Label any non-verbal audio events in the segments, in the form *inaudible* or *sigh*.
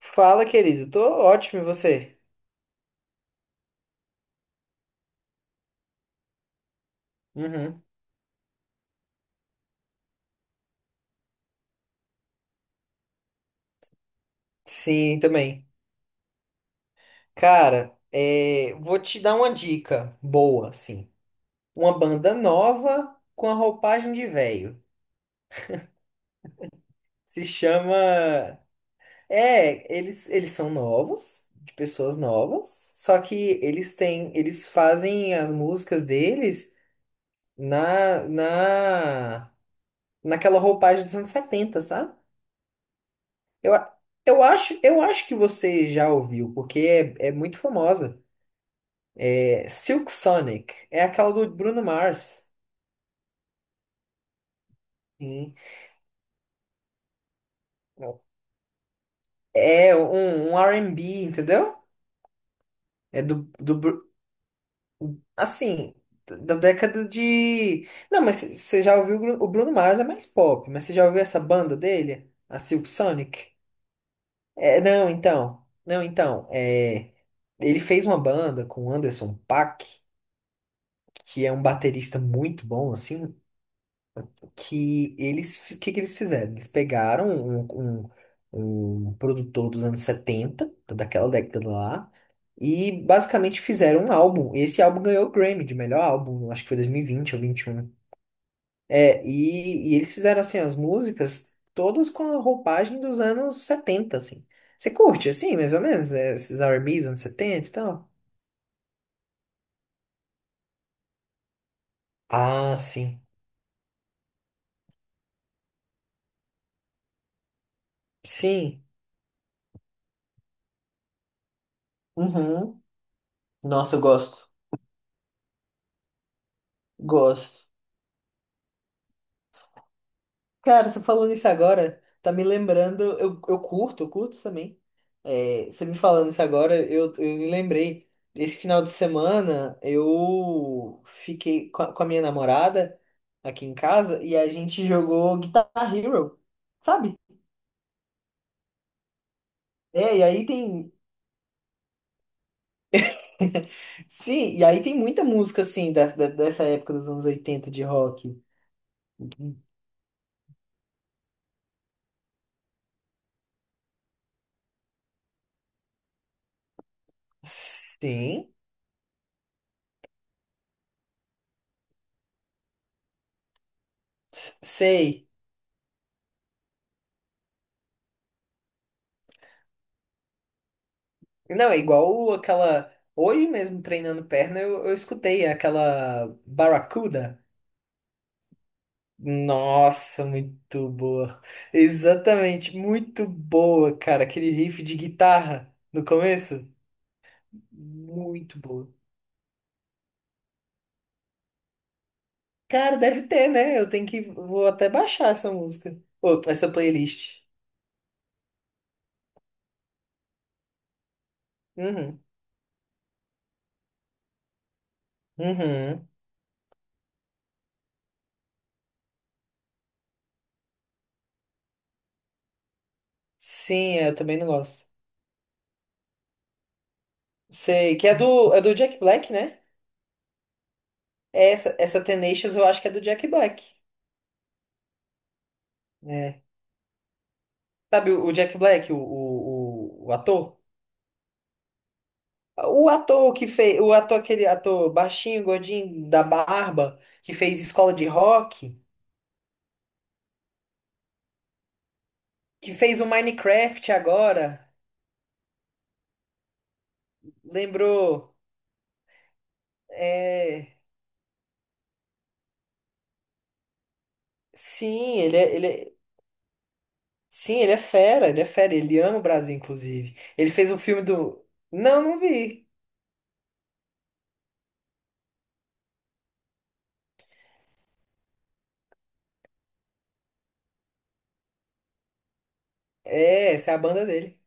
Fala, querido. Tô ótimo, e você? Uhum. Sim, também. Cara, é, vou te dar uma dica boa, assim. Uma banda nova com a roupagem de velho. Se chama. É, eles são novos, de pessoas novas, só que eles fazem as músicas deles na, na, naquela roupagem dos anos 70, sabe? Eu, a- eu acho que você já ouviu, porque é muito famosa. Silk Sonic é aquela do Bruno Mars. Sim. É um R&B, entendeu? É do assim, da década de. Não, mas você já ouviu o Bruno Mars é mais pop, mas você já ouviu essa banda dele? A Silk Sonic? É, não, então. Não, então. É, ele fez uma banda com o Anderson Paak, que é um baterista muito bom, assim. Que que eles fizeram? Eles pegaram um produtor dos anos 70 daquela década lá, e basicamente fizeram um álbum. Esse álbum ganhou o Grammy de melhor álbum, acho que foi 2020 ou vinte e um. É, e eles fizeram assim as músicas todas com a roupagem dos anos 70 assim. Você curte assim, mais ou menos, é, esses R&B dos anos 70 e tal? Ah, sim. Sim. Uhum. Nossa, eu gosto. Gosto. Cara, você falando isso agora, tá me lembrando. Eu curto, eu curto também. É, você me falando isso agora, eu me lembrei. Esse final de semana, eu fiquei com a minha namorada aqui em casa e a gente jogou Guitar Hero, sabe? É, e aí tem. *laughs* Sim, e aí tem muita música, assim, dessa época dos anos oitenta de rock. Sim, sei. Não, é igual aquela. Hoje mesmo treinando perna, eu escutei aquela Barracuda. Nossa, muito boa. Exatamente, muito boa, cara. Aquele riff de guitarra no começo. Muito boa. Cara, deve ter, né? Eu tenho que. Vou até baixar essa música. Ou essa playlist. Uhum. Uhum. Sim, é, eu também não gosto. Sei, que é do Jack Black, né? Essa Tenacious eu acho que é do Jack Black. É. Sabe o Jack Black, o ator? Aquele ator baixinho, gordinho, da barba, que fez Escola de Rock, que fez o Minecraft agora, lembrou? É, sim, sim, ele é fera, ele é fera, ele ama o Brasil, inclusive. Ele fez um filme do... Não, não vi. É, essa é a banda dele.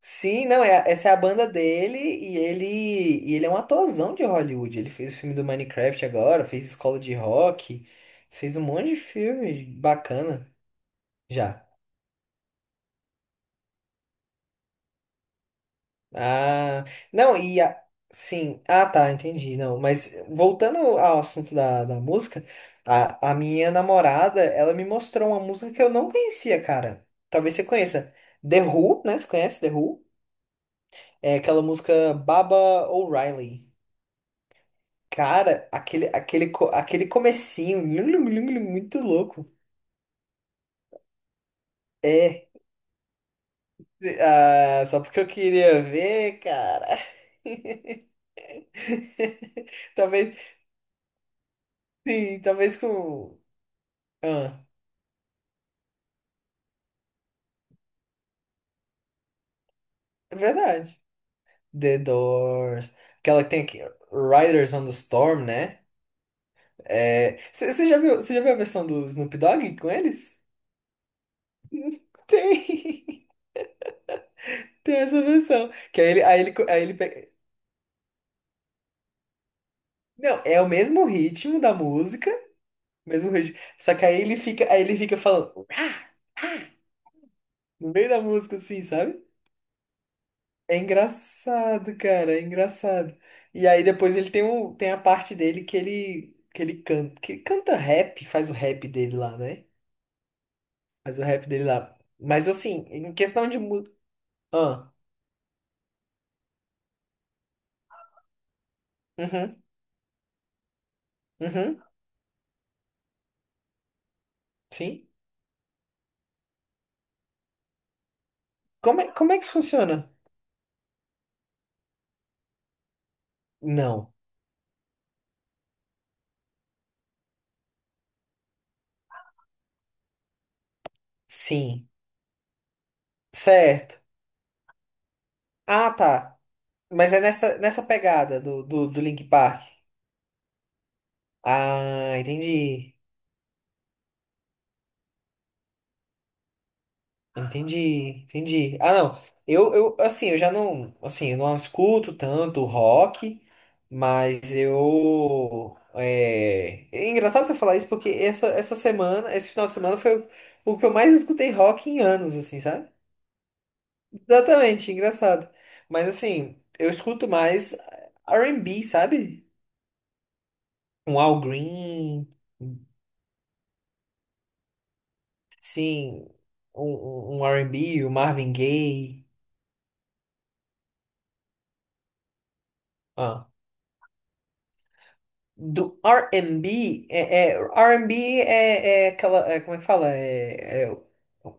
Sim, não, é, essa é a banda dele e e ele é um atorzão de Hollywood. Ele fez o filme do Minecraft agora, fez Escola de Rock, fez um monte de filme bacana já. Ah, não, sim, ah tá, entendi. Não, mas voltando ao assunto da música, a minha namorada, ela me mostrou uma música que eu não conhecia, cara. Talvez você conheça. The Who, né? Você conhece The Who? É aquela música Baba O'Reilly. Cara, aquele comecinho, lum, lum, lum, lum, muito louco. É, ah, só porque eu queria ver, cara. *laughs* Talvez, sim, talvez com... Ah, é verdade. The Doors. Aquela que tem aqui, Riders on the Storm, né? É, você já viu a versão do Snoop Dogg com eles? Tem, *laughs* tem essa versão. Que aí ele pega... Não, é o mesmo ritmo da música. Mesmo ritmo. Só que aí ele fica falando "Ah!" no meio da música, assim, sabe? É engraçado, cara, é engraçado. E aí depois ele tem, um, tem a parte dele que ele canta, que ele canta, rap, faz o rap dele lá, né? Faz o rap dele lá. Mas assim, em questão de música. Ah, uhum, uhum, sim. Como é que isso funciona? Não. Sim. Certo. Ah, tá. Mas é nessa pegada do Linkin Park. Ah, entendi. Entendi, entendi. Ah, não. Assim, eu já não, assim, eu não escuto tanto rock, mas é engraçado você falar isso porque essa semana, esse final de semana foi o que eu mais escutei rock em anos, assim, sabe? Exatamente, engraçado. Mas, assim, eu escuto mais R&B, sabe? Um Al Green, sim, um R&B, o Marvin Gaye. Ah, do R&B, R&B é aquela, é, como é que fala? É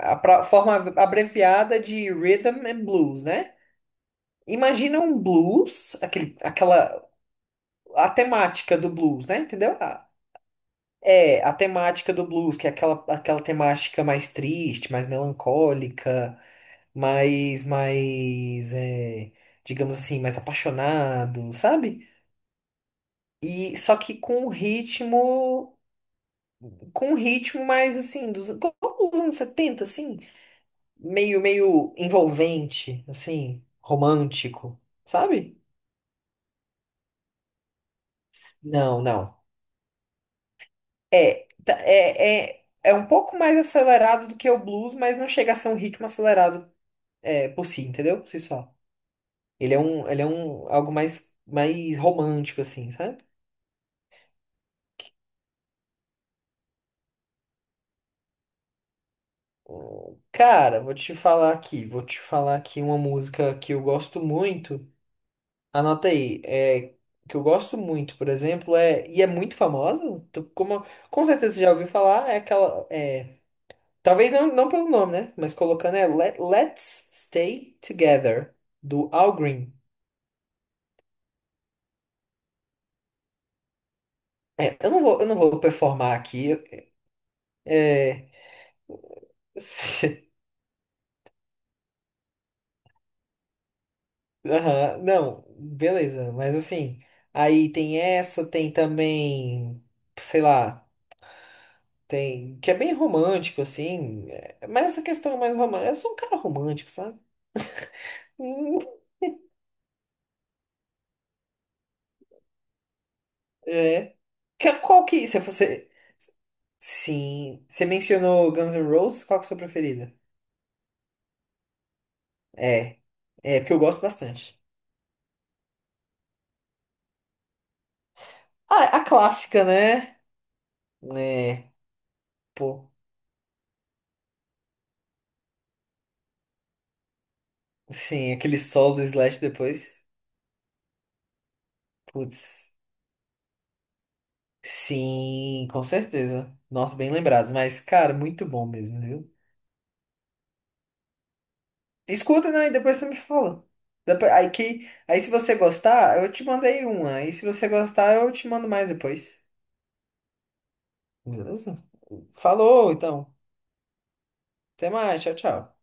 a forma abreviada de Rhythm and Blues, né? Imagina um blues, a temática do blues, né? Entendeu? É, a temática do blues, que é aquela temática mais triste, mais melancólica, é, digamos assim, mais apaixonado, sabe? E só que com um ritmo mais assim, como os anos 70 assim, meio, meio envolvente, assim, romântico, sabe? Não, não. É um pouco mais acelerado do que o blues, mas não chega a ser um ritmo acelerado é, por si, entendeu? Por si só. Ele é um algo mais, romântico, assim, sabe? Cara, vou te falar aqui uma música que eu gosto muito. Anota aí, é, que eu gosto muito, por exemplo, é, e é muito famosa, como com certeza você já ouviu falar, é aquela, é, talvez não, não pelo nome, né? Mas colocando é Let's Stay Together, do Al Green. É, eu não vou performar aqui. É, *laughs* aham, não, beleza, mas assim, aí tem essa, tem também, sei lá, tem, que é bem romântico, assim, é, mas essa questão é mais romântica, eu sou um cara romântico, sabe? Hum. É. Qual que. Se você. Sim. Você mencionou Guns N' Roses, qual que é a sua preferida? É. É, porque eu gosto bastante. Ah, é a clássica, né? Né. Pô. Sim, aquele solo do Slash depois. Putz. Sim, com certeza. Nossa, bem lembrado. Mas, cara, muito bom mesmo, viu? Escuta, né? E depois você me fala. Aí, aí se você gostar, eu te mandei uma. Aí se você gostar, eu te mando mais depois. Beleza? Falou, então. Até mais, tchau, tchau.